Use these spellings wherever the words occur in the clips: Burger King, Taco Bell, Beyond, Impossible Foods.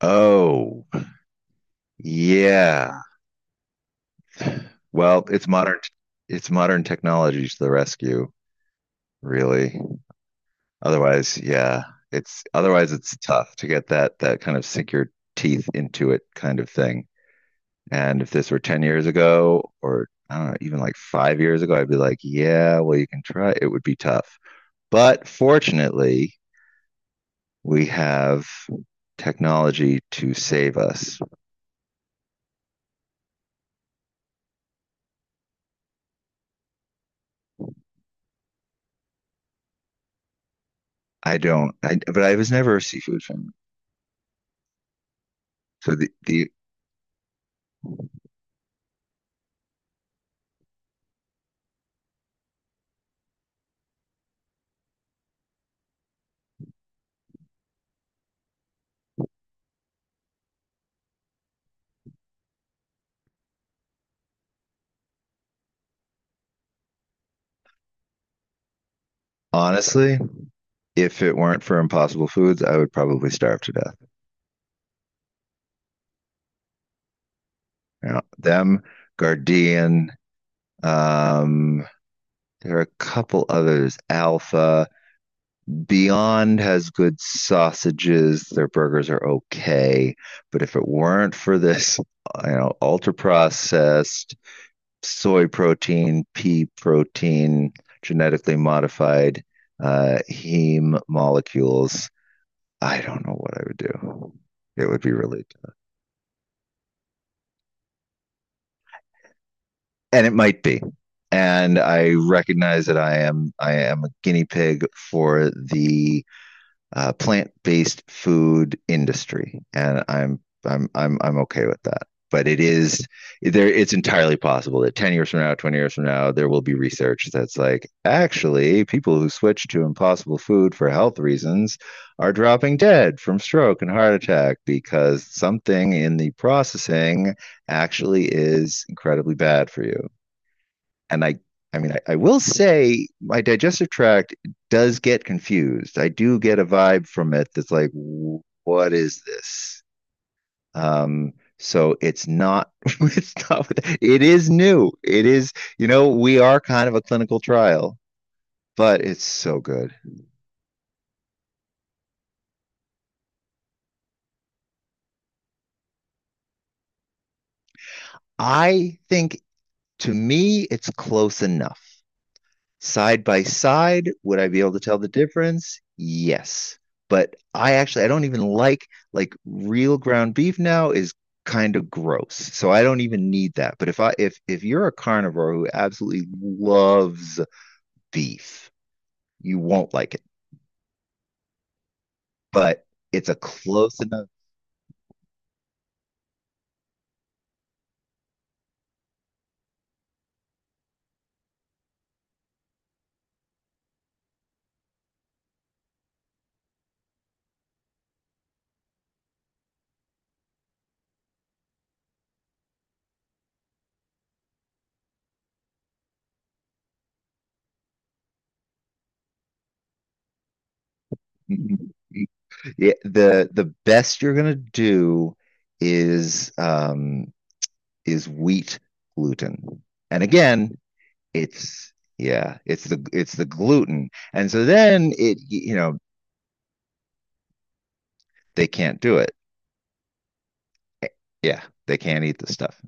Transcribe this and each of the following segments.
Oh, yeah. Well, it's modern technology to the rescue, really. Otherwise, yeah, it's otherwise it's tough to get that kind of sink your teeth into it kind of thing. And if this were 10 years ago or I don't know, even like 5 years ago, I'd be like, yeah, well you can try. It would be tough. But fortunately, we have technology to save us. I don't I but I was never a seafood fan. So the Honestly, if it weren't for Impossible Foods, I would probably starve to death. You know, them, Guardian, um, there are a couple others, Alpha. Beyond has good sausages. Their burgers are okay. But if it weren't for this, you know, ultra processed soy protein, pea protein, genetically modified heme molecules, I don't know what I would do. It would be really, and it might be. And I recognize that I am a guinea pig for the plant-based food industry, and I'm okay with that. But it is there. It's entirely possible that 10 years from now, 20 years from now, there will be research that's like actually people who switch to impossible food for health reasons are dropping dead from stroke and heart attack because something in the processing actually is incredibly bad for you and I mean, I will say my digestive tract does get confused. I do get a vibe from it that's like, what is this? Um, so it's not, it's not, it is new. It is, you know, we are kind of a clinical trial, but it's so good. I think to me, it's close enough. Side by side, would I be able to tell the difference? Yes. But I don't even like real ground beef now is kind of gross. So I don't even need that. But if I if you're a carnivore who absolutely loves beef, you won't like it. But it's a close enough. Yeah, the best you're gonna do is um is wheat gluten. And again, It's yeah, it's the gluten. And so then it, you know, they can't do it. Yeah, they can't eat the stuff.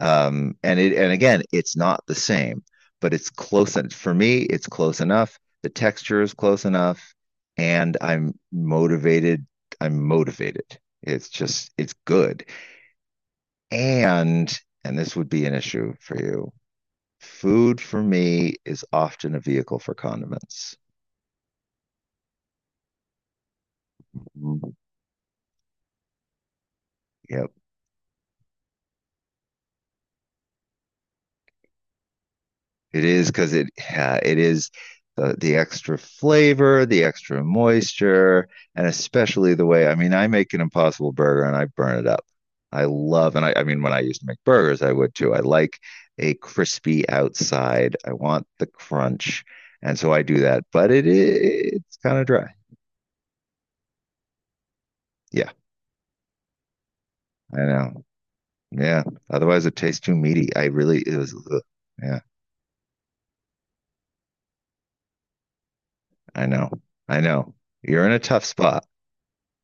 And it, and again, it's not the same, but it's close and for me it's close enough. The texture is close enough and I'm motivated. I'm motivated. It's good. And and this would be an issue for you. Food for me is often a vehicle for condiments. Mm-hmm. Yeah, it is because it is the extra flavor, the extra moisture, and especially the way, I mean, I make an impossible burger and I burn it up. I love, and I mean, when I used to make burgers, I would too. I like a crispy outside. I want the crunch, and so I do that. But it it's kind of dry. Yeah, I know. Yeah. Otherwise, it tastes too meaty. I really it was. Ugh. Yeah, I know. I know. You're in a tough spot,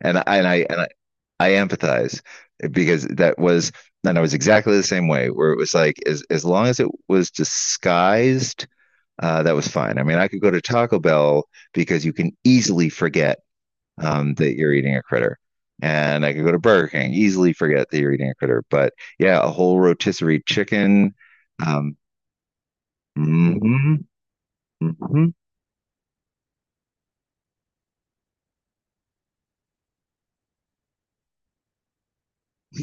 and I empathize because that was, and I was exactly the same way, where it was like, as long as it was disguised, that was fine. I mean, I could go to Taco Bell because you can easily forget that you're eating a critter, and I could go to Burger King easily forget that you're eating a critter. But yeah, a whole rotisserie chicken. Um, mhm, mhm.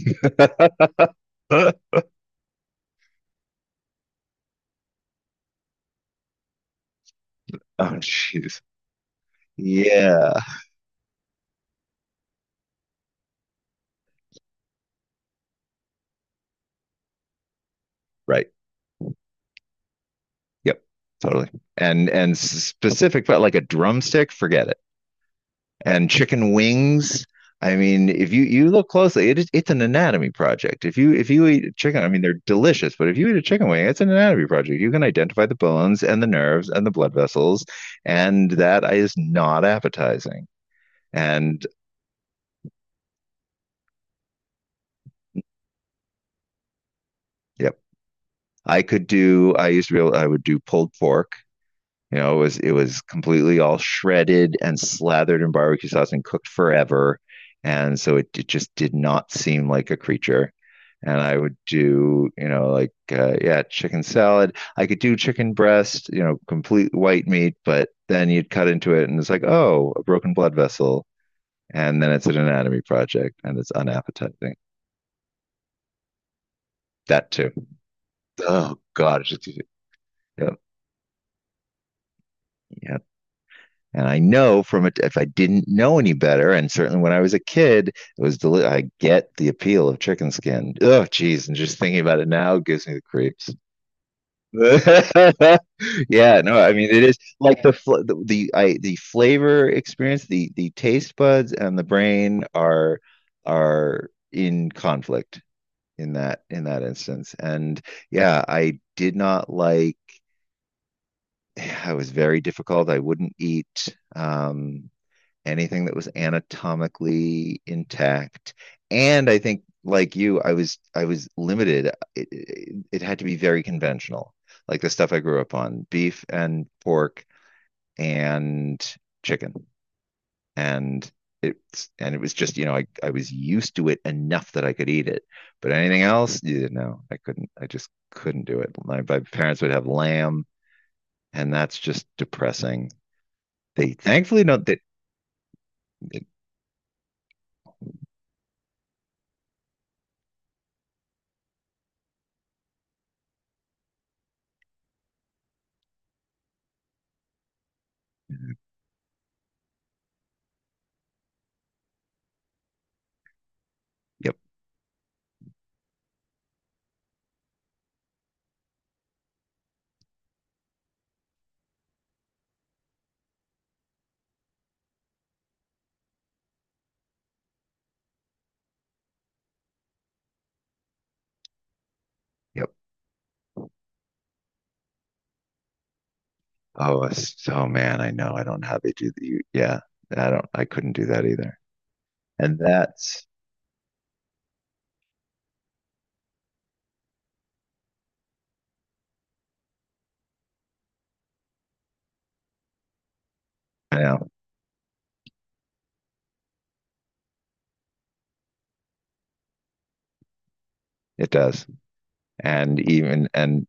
Oh, jeez. Yeah. Right. Yep, totally. And specific, but like a drumstick, forget it. And chicken wings. I mean, if you look closely, it's an anatomy project. If you eat chicken, I mean, they're delicious, but if you eat a chicken wing, it's an anatomy project. You can identify the bones and the nerves and the blood vessels, and that is not appetizing. And yep, I could do. I used to be able. I would do pulled pork. You know, it was completely all shredded and slathered in barbecue sauce and cooked forever, and so it just did not seem like a creature. And I would do, you know, like yeah, chicken salad. I could do chicken breast, you know, complete white meat, but then you'd cut into it and it's like, oh, a broken blood vessel, and then it's an anatomy project and it's unappetizing. That too. Oh God, it's just yeah, yeah. And I know from it, if I didn't know any better, and certainly when I was a kid, I get the appeal of chicken skin. Oh, geez, and just thinking about it now gives me the creeps. Yeah, no, I mean it is like the flavor experience, the taste buds and the brain are in conflict in that instance. And yeah, I did not like. I was very difficult. I wouldn't eat um anything that was anatomically intact. And I think like you, I was limited. It had to be very conventional, like the stuff I grew up on: beef and pork and chicken. And it was just, you know, I was used to it enough that I could eat it, but anything else, yeah, no, I couldn't. I just couldn't do it. My parents would have lamb, and that's just depressing. They thankfully don't. They- yep, yep. Oh, so man, I know. I don't know how they do the. Yeah, I don't. I couldn't do that either. And that's, I know, it does. And even and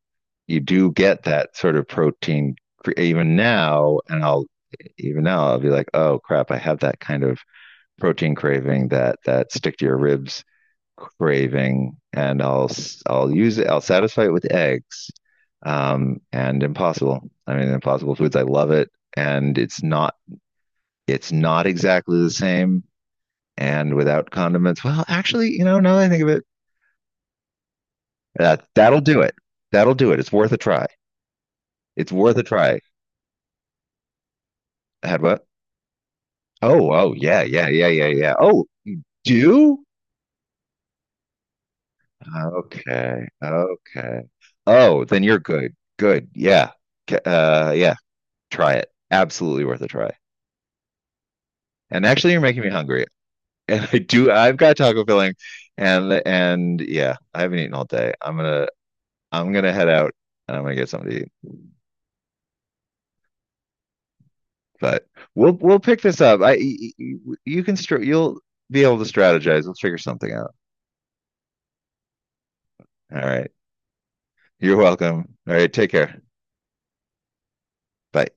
you do get that sort of protein even now. And I'll even now I'll be like, oh crap, I have that kind of protein craving, that stick to your ribs craving, and I'll I'll use it. I'll satisfy it with eggs. And Impossible. I mean, Impossible Foods. I love it, and it's not exactly the same and without condiments. Well, actually, you know, now that I think of it, that'll do it. That'll do it. It's worth a try. It's worth a try. I had what? Oh, oh, yeah, yeah, yeah, yeah, yeah. Oh, you do? Okay, okay. Oh, then you're good. Good. Yeah. Yeah. Try it. Absolutely worth a try. And actually, you're making me hungry. And I do. I've got taco filling, and yeah, I haven't eaten all day. I'm gonna head out and I'm gonna get something to eat. But we'll pick this up. You you'll be able to strategize. We'll figure something out. All right. You're welcome. All right. Take care. Bye.